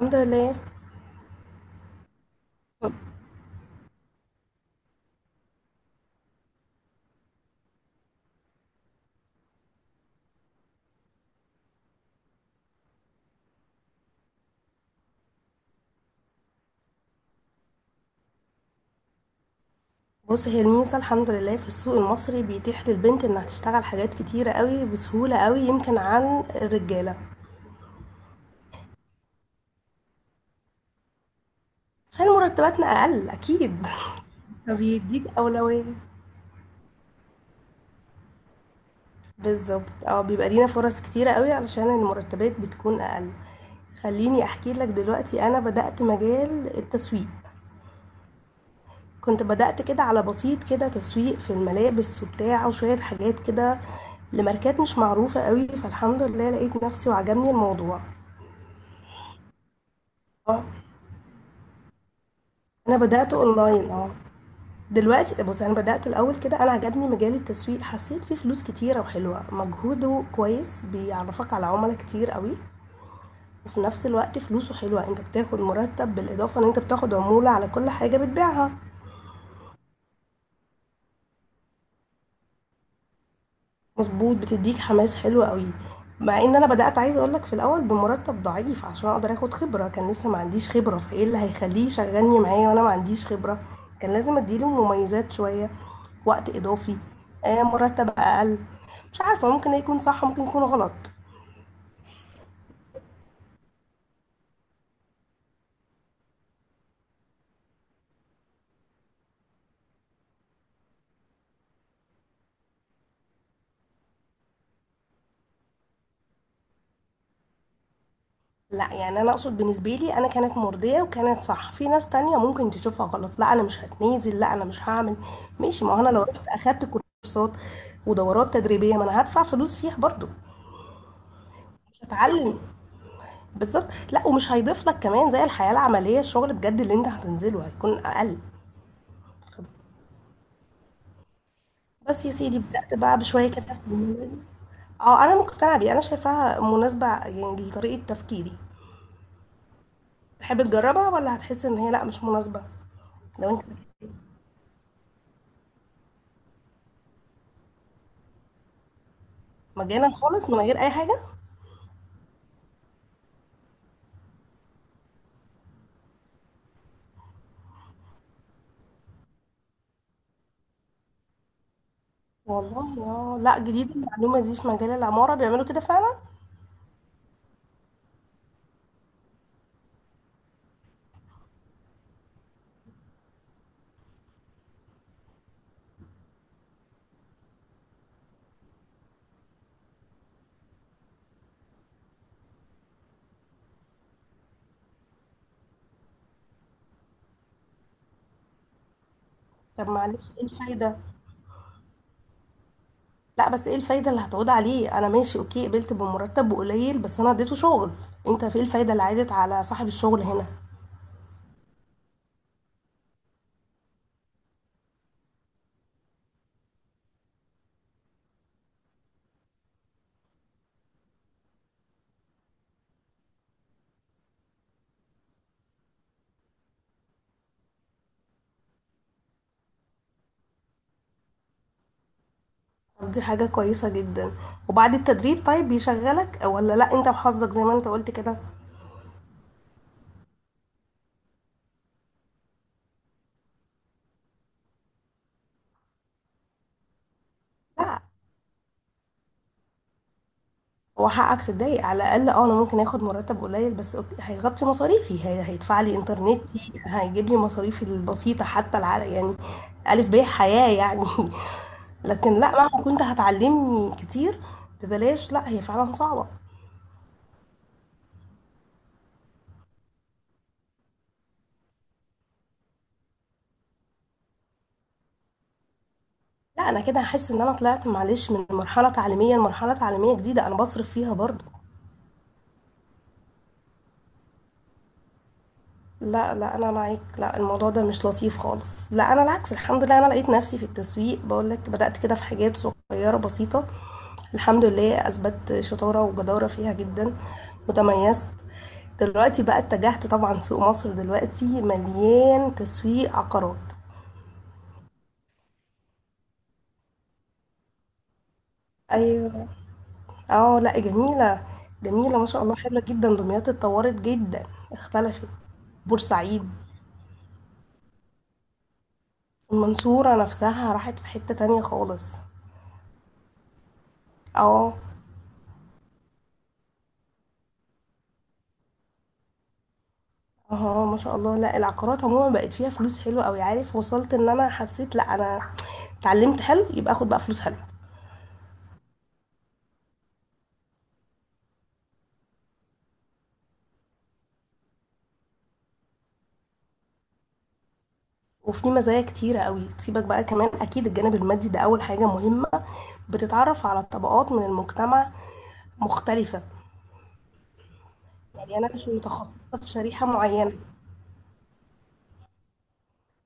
الحمد لله. بص، هي الميزة الحمد لله في السوق المصري بيتيح للبنت انها تشتغل حاجات كتيرة قوي بسهولة قوي يمكن عن الرجالة. عشان مرتباتنا اقل اكيد. فبيديك اولوية. بالظبط، اه، بيبقى لينا فرص كتيرة قوي علشان المرتبات بتكون اقل. خليني احكي لك دلوقتي، انا بدأت مجال التسويق. كنت بدأت كده على بسيط، كده تسويق في الملابس وبتاع وشوية حاجات كده لماركات مش معروفة قوي، فالحمد لله لقيت نفسي وعجبني الموضوع. آه، أنا بدأت أونلاين. آه، دلوقتي بُصّي، أنا بدأت الأول كده. أنا عجبني مجال التسويق، حسّيت فيه فلوس كتيرة وحلوة، مجهوده كويس، بيعرّفك على عُملا كتير أوي، وفي نفس الوقت فلوسه حلوة. أنت بتاخد مُرتّب بالإضافة إن أنت بتاخد عمولة على كل حاجة بتبيعها. مظبوط، بتديك حماس حلو قوي. مع ان انا بدات عايزه اقول لك في الاول بمرتب ضعيف عشان اقدر اخد خبره، كان لسه ما عنديش خبره، فايه اللي هيخليه يشغلني معايا وانا ما عنديش خبره؟ كان لازم اديله مميزات شويه، وقت اضافي، آه، مرتب اقل. مش عارفه، ممكن يكون صح ممكن يكون غلط. لا يعني انا اقصد بالنسبه لي انا كانت مرضيه وكانت صح. في ناس تانية ممكن تشوفها غلط. لا انا مش هتنازل، لا انا مش هعمل. ماشي، ما هو انا لو رحت اخدت كورسات ودورات تدريبيه ما انا هدفع فلوس فيها برضو. مش هتعلم. بالظبط، لا، ومش هيضيف لك كمان زي الحياة العملية. الشغل بجد اللي انت هتنزله هيكون اقل. بس يا سيدي، بدأت بقى بشوية كده في الموبايل. اه، انا مقتنعة بيه، انا شايفاها مناسبة يعني لطريقة تفكيري. تحب تجربها ولا هتحس ان هي لا مش مناسبة؟ لو انت مجانا خالص من غير اي حاجة. والله اه، لا، جديدة المعلومة دي. في مجال العمارة بيعملوا كده فعلا؟ طب معلش، ايه الفايدة؟ لا بس ايه الفايدة اللي هتعود عليه؟ انا ماشي، اوكي، قبلت بمرتب قليل، بس انا اديته شغل. انت في ايه الفايدة اللي عادت على صاحب الشغل هنا؟ طب دي حاجة كويسة جدا. وبعد التدريب طيب بيشغلك ولا لا انت وحظك زي ما انت قلت كده؟ لا، هو حقك تتضايق على الاقل. اه انا ممكن اخد مرتب قليل بس أوكي، هيغطي مصاريفي، هي هيدفع لي انترنتي، هيجيب لي مصاريفي البسيطة، حتى يعني الف ب حياة يعني. لكن لا، مهما كنت هتعلمني كتير ببلاش، لا، هي فعلا صعبة. لا انا كده هحس ان انا طلعت معلش من مرحله تعليميه لمرحله تعليميه جديده انا بصرف فيها برضو. لا انا معاك، لا الموضوع ده مش لطيف خالص. لا انا العكس، الحمد لله انا لقيت نفسي في التسويق، بقول لك بدات كده في حاجات صغيره بسيطه، الحمد لله اثبت شطاره وجداره فيها جدا وتميزت. دلوقتي بقى اتجهت طبعا، سوق مصر دلوقتي مليان تسويق عقارات. ايوه. اه لا، جميلة، جميلة ما شاء الله، حلوة جدا، دمياط اتطورت جدا، اختلفت. بورسعيد، المنصورة نفسها راحت في حتة تانية خالص. اه اه، ما شاء الله. لا العقارات عموما بقت فيها فلوس حلوة اوي، عارف وصلت ان انا حسيت لا انا اتعلمت حلو يبقى اخد بقى فلوس حلوة. وفي مزايا كتيرة قوي سيبك بقى، كمان اكيد الجانب المادي ده اول حاجة مهمة. بتتعرف على طبقات من المجتمع مختلفة، يعني انا مش متخصصة في شريحة معينة.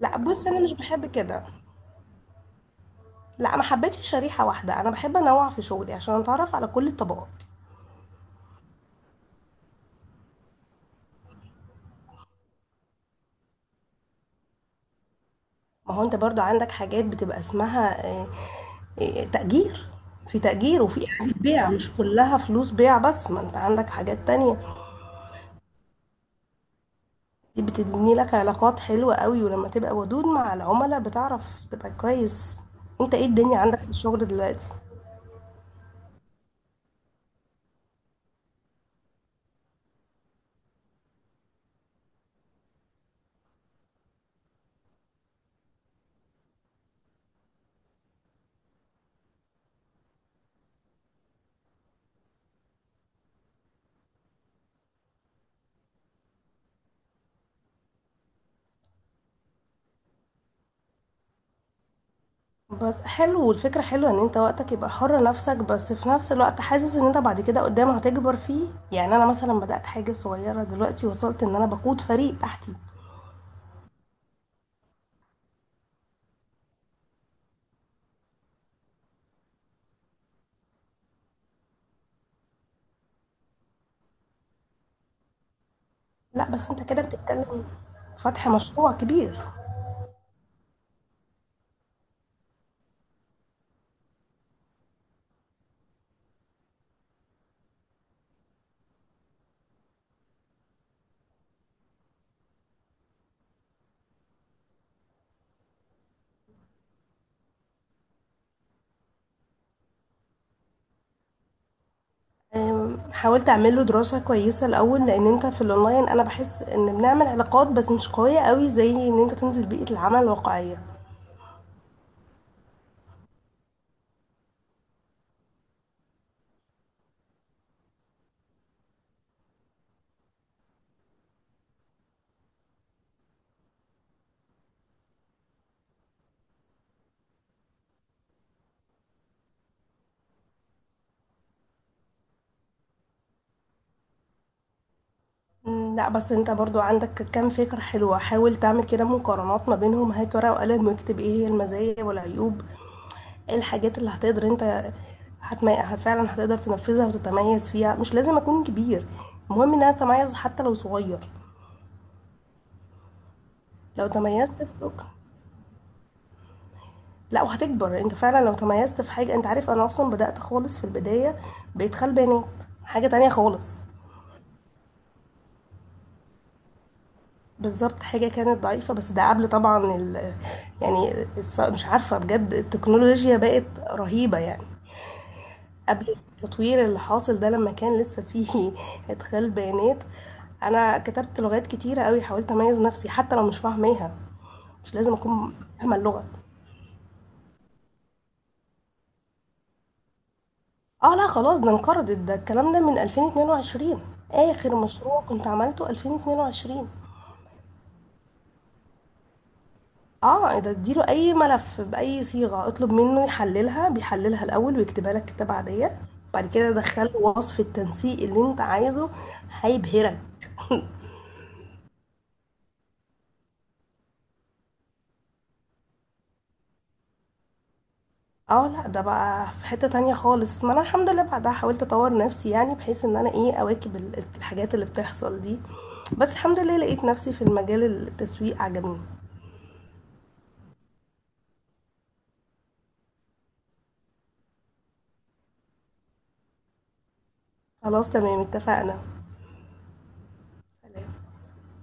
لا بص انا مش بحب كده، لا ما حبيتش شريحه واحده، انا بحب انوع في شغلي عشان اتعرف على كل الطبقات. ما هو انت برضو عندك حاجات بتبقى اسمها آه، آه، تأجير. في تأجير وفي إعادة بيع، مش كلها فلوس بيع بس، ما انت عندك حاجات تانية. دي بتبني لك علاقات حلوة قوي، ولما تبقى ودود مع العملاء بتعرف تبقى كويس. انت ايه الدنيا عندك في الشغل دلوقتي؟ بس حلو والفكرة حلوة ان انت وقتك يبقى حر نفسك، بس في نفس الوقت حاسس ان انت بعد كده قدام هتكبر فيه. يعني انا مثلا بدأت حاجة صغيرة، دلوقتي وصلت ان انا بقود فريق تحتي. لا بس انت كده بتتكلم فتح مشروع كبير. أم، حاولت اعمل له دراسة كويسة الاول، لان انت في الاونلاين انا بحس ان بنعمل علاقات بس مش قوية قوي زي ان انت تنزل بيئة العمل الواقعية. مم، لا بس انت برضو عندك كام فكرة حلوة، حاول تعمل كده مقارنات ما بينهم، هات ورقة وقلم واكتب ايه هي المزايا والعيوب، ايه الحاجات اللي هتقدر انت فعلا هتقدر تنفذها وتتميز فيها. مش لازم اكون كبير، المهم ان انا اتميز حتى لو صغير. لو تميزت في حاجة- لا وهتكبر انت فعلا لو تميزت في حاجة. انت عارف انا اصلا بدأت خالص في البداية بإدخال بيانات، حاجة تانية خالص. بالضبط، حاجة كانت ضعيفة، بس ده قبل طبعًا يعني مش عارفة بجد، التكنولوجيا بقت رهيبة يعني، قبل التطوير اللي حاصل ده، لما كان لسه فيه إدخال بيانات. أنا كتبت لغات كتيرة أوي، حاولت أميز نفسي حتى لو مش فاهماها، مش لازم أكون فاهمة اللغة. اه لا خلاص، ده انقرضت، ده الكلام ده من 2022، آخر مشروع كنت عملته 2022. اه، إيه ده؟ اديله اي ملف باي صيغه، اطلب منه يحللها، بيحللها الاول ويكتبها لك كتابه عاديه، بعد كده دخله وصف التنسيق اللي انت عايزه، هيبهرك. اه لا ده بقى في حته تانية خالص، ما انا الحمد لله بعدها حاولت اطور نفسي يعني، بحيث ان انا ايه، اواكب الحاجات اللي بتحصل دي. بس الحمد لله لقيت نفسي في المجال، التسويق عجبني. خلاص تمام اتفقنا. سلام.